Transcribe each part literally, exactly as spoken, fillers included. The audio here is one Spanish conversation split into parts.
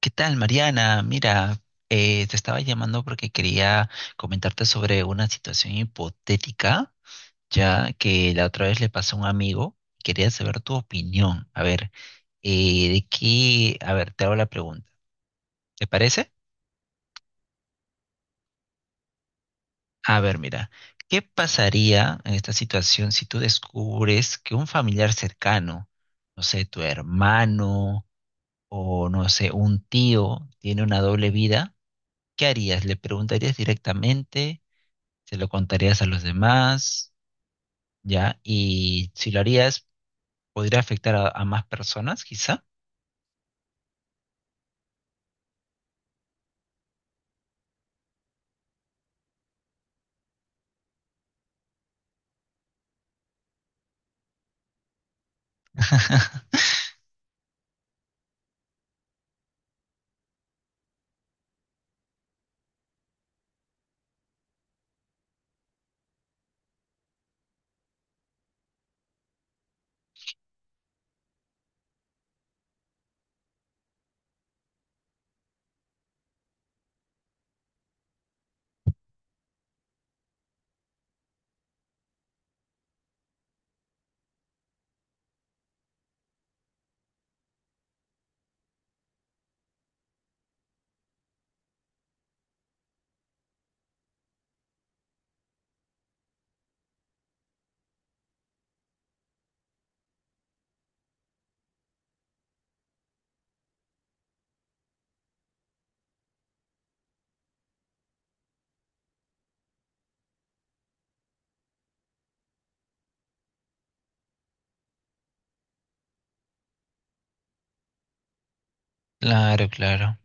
¿Qué tal, Mariana? Mira, eh, te estaba llamando porque quería comentarte sobre una situación hipotética, ya que la otra vez le pasó a un amigo. Quería saber tu opinión. A ver, eh, de qué, a ver, te hago la pregunta. ¿Te parece? A ver, mira, ¿qué pasaría en esta situación si tú descubres que un familiar cercano, no sé, tu hermano o no sé, un tío tiene una doble vida? ¿Qué harías? ¿Le preguntarías directamente? ¿Se lo contarías a los demás, ya? Y si lo harías, podría afectar a, a más personas, quizá. Claro, claro,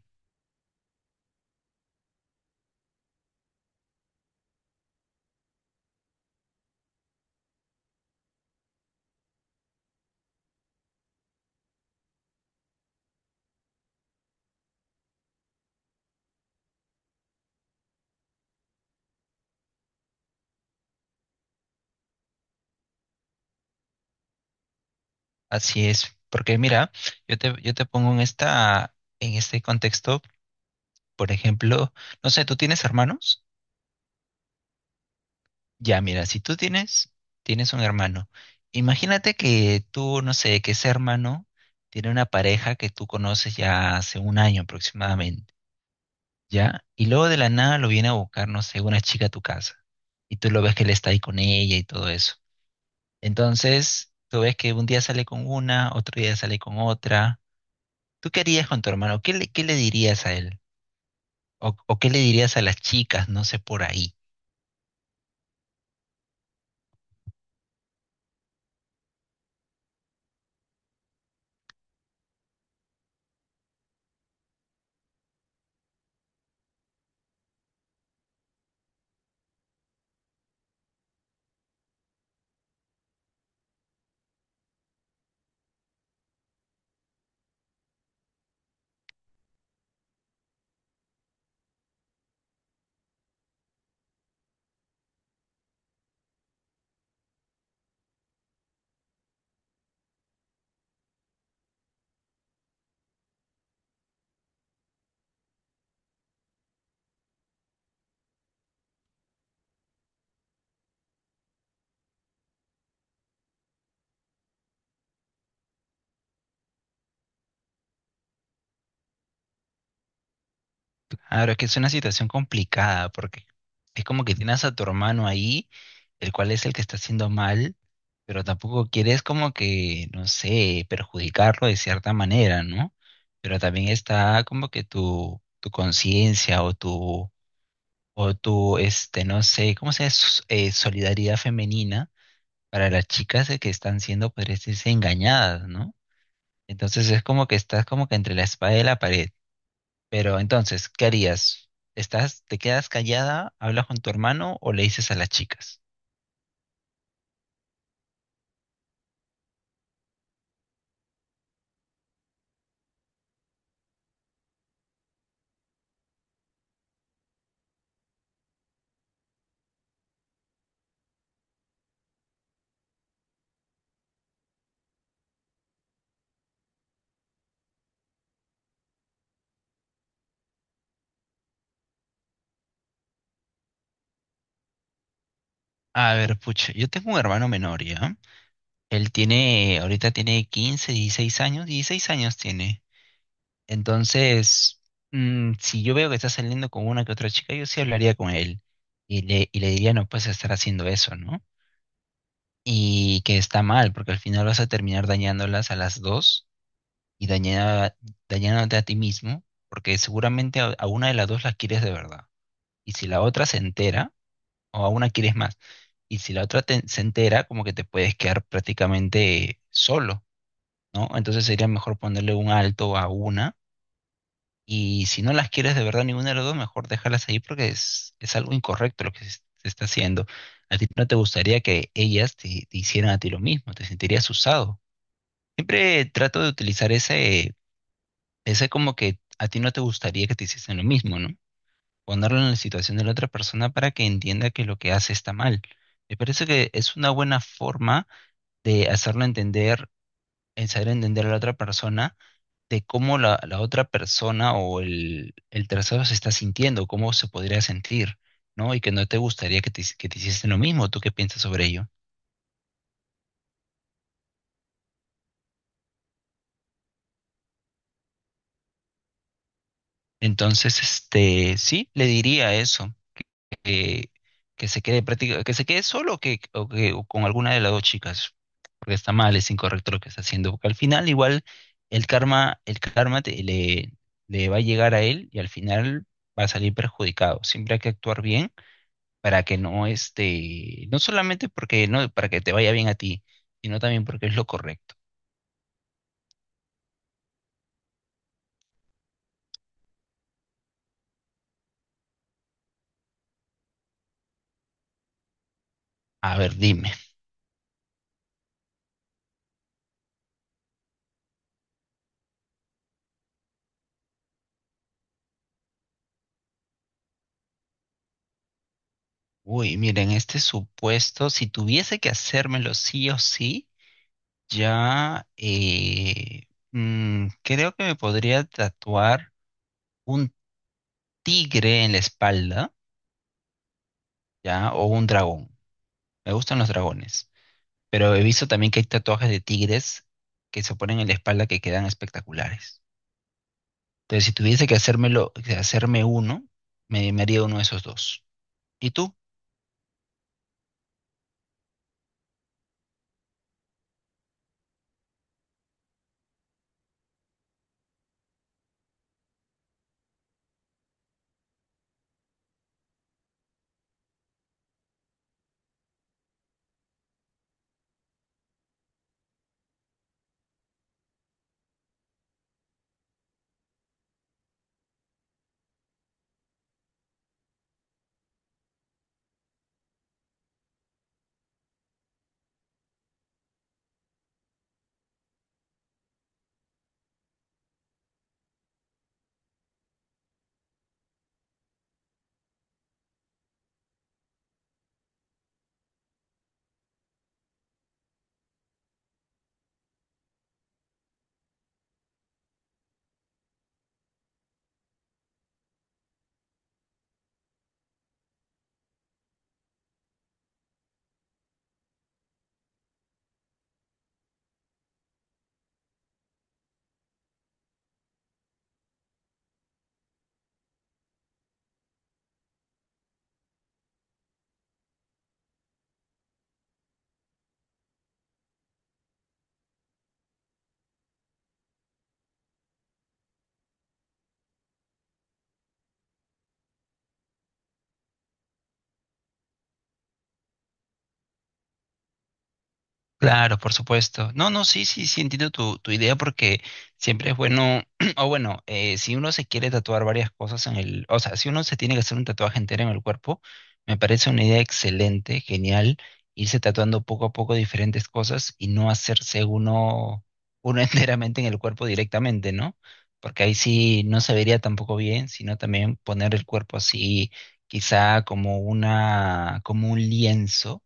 así es. Porque mira, yo te, yo te pongo en esta, en este contexto, por ejemplo, no sé, ¿tú tienes hermanos? Ya, mira, si tú tienes, tienes un hermano. Imagínate que tú, no sé, que ese hermano tiene una pareja que tú conoces ya hace un año aproximadamente, ¿ya? Y luego de la nada lo viene a buscar, no sé, una chica a tu casa. Y tú lo ves que él está ahí con ella y todo eso. Entonces, tú ves que un día sale con una, otro día sale con otra. ¿Tú qué harías con tu hermano? ¿Qué le, qué le dirías a él? ¿O, o qué le dirías a las chicas, no sé, por ahí? Ahora es que es una situación complicada porque es como que tienes a tu hermano ahí, el cual es el que está haciendo mal, pero tampoco quieres como que, no sé, perjudicarlo de cierta manera, ¿no? Pero también está como que tu, tu conciencia o tu, o tu, este, no sé, ¿cómo se llama? Sus- eh, solidaridad femenina para las chicas, eh, que están siendo, pues, engañadas, ¿no? Entonces es como que estás como que entre la espada y la pared. Pero entonces, ¿qué harías? ¿Estás, te quedas callada, hablas con tu hermano o le dices a las chicas? A ver, pucha, yo tengo un hermano menor, ¿ya? Él tiene, ahorita tiene quince, dieciséis años, dieciséis años tiene. Entonces, mm, si yo veo que está saliendo con una que otra chica, yo sí hablaría con él y le, y le diría: no puedes estar haciendo eso, ¿no? Y que está mal, porque al final vas a terminar dañándolas a las dos y daña- dañándote a ti mismo, porque seguramente a a una de las dos las quieres de verdad. Y si la otra se entera, o a una quieres más, y si la otra te- se entera, como que te puedes quedar prácticamente solo, ¿no? Entonces sería mejor ponerle un alto a una, y si no las quieres de verdad ninguna de las dos, mejor déjalas ahí porque es, es algo incorrecto lo que se, se está haciendo. A ti no te gustaría que ellas te, te hicieran a ti lo mismo, te sentirías usado. Siempre trato de utilizar ese, ese como que a ti no te gustaría que te hiciesen lo mismo, ¿no? Ponerlo en la situación de la otra persona para que entienda que lo que hace está mal. Me parece que es una buena forma de hacerlo entender, en saber entender a la otra persona de cómo la, la otra persona o el, el tercero se está sintiendo, cómo se podría sentir, ¿no? Y que no te gustaría que te, que te hiciesen lo mismo. ¿Tú qué piensas sobre ello? Entonces, este, sí, le diría eso. que, que se quede práctica, que se quede solo o que, o que o con alguna de las dos chicas, porque está mal, es incorrecto lo que está haciendo, porque al final igual el karma, el karma te- le, le va a llegar a él y al final va a salir perjudicado. Siempre hay que actuar bien para que no este, no solamente porque no, para que te vaya bien a ti, sino también porque es lo correcto. A ver, dime. Uy, miren, este supuesto, si tuviese que hacérmelo sí o sí, ya, eh, mm, creo que me podría tatuar un tigre en la espalda, ya, o un dragón. Me gustan los dragones, pero he visto también que hay tatuajes de tigres que se ponen en la espalda que quedan espectaculares. Entonces, si tuviese que hacérmelo, que hacerme uno, me, me haría uno de esos dos. ¿Y tú? Claro, por supuesto. No, no, sí, sí, sí, entiendo tu, tu idea porque siempre es bueno, o bueno, eh, si uno se quiere tatuar varias cosas en el, o sea, si uno se tiene que hacer un tatuaje entero en el cuerpo, me parece una idea excelente, genial, irse tatuando poco a poco diferentes cosas y no hacerse uno, uno enteramente en el cuerpo directamente, ¿no? Porque ahí sí no se vería tampoco bien, sino también poner el cuerpo así, quizá como una, como un lienzo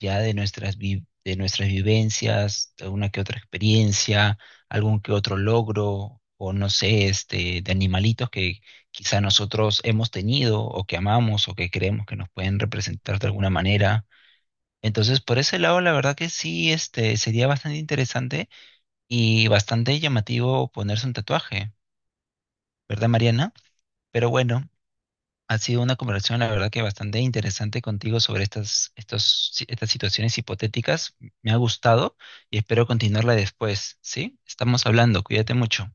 ya de nuestras, vi- de nuestras vivencias, alguna que otra experiencia, algún que otro logro, o no sé, este, de animalitos que quizá nosotros hemos tenido o que amamos o que creemos que nos pueden representar de alguna manera. Entonces, por ese lado, la verdad que sí, este, sería bastante interesante y bastante llamativo ponerse un tatuaje, ¿verdad, Mariana? Pero bueno, ha sido una conversación, la verdad, que bastante interesante contigo sobre estas, estos, si- estas situaciones hipotéticas. Me ha gustado y espero continuarla después, ¿sí? Estamos hablando, cuídate mucho.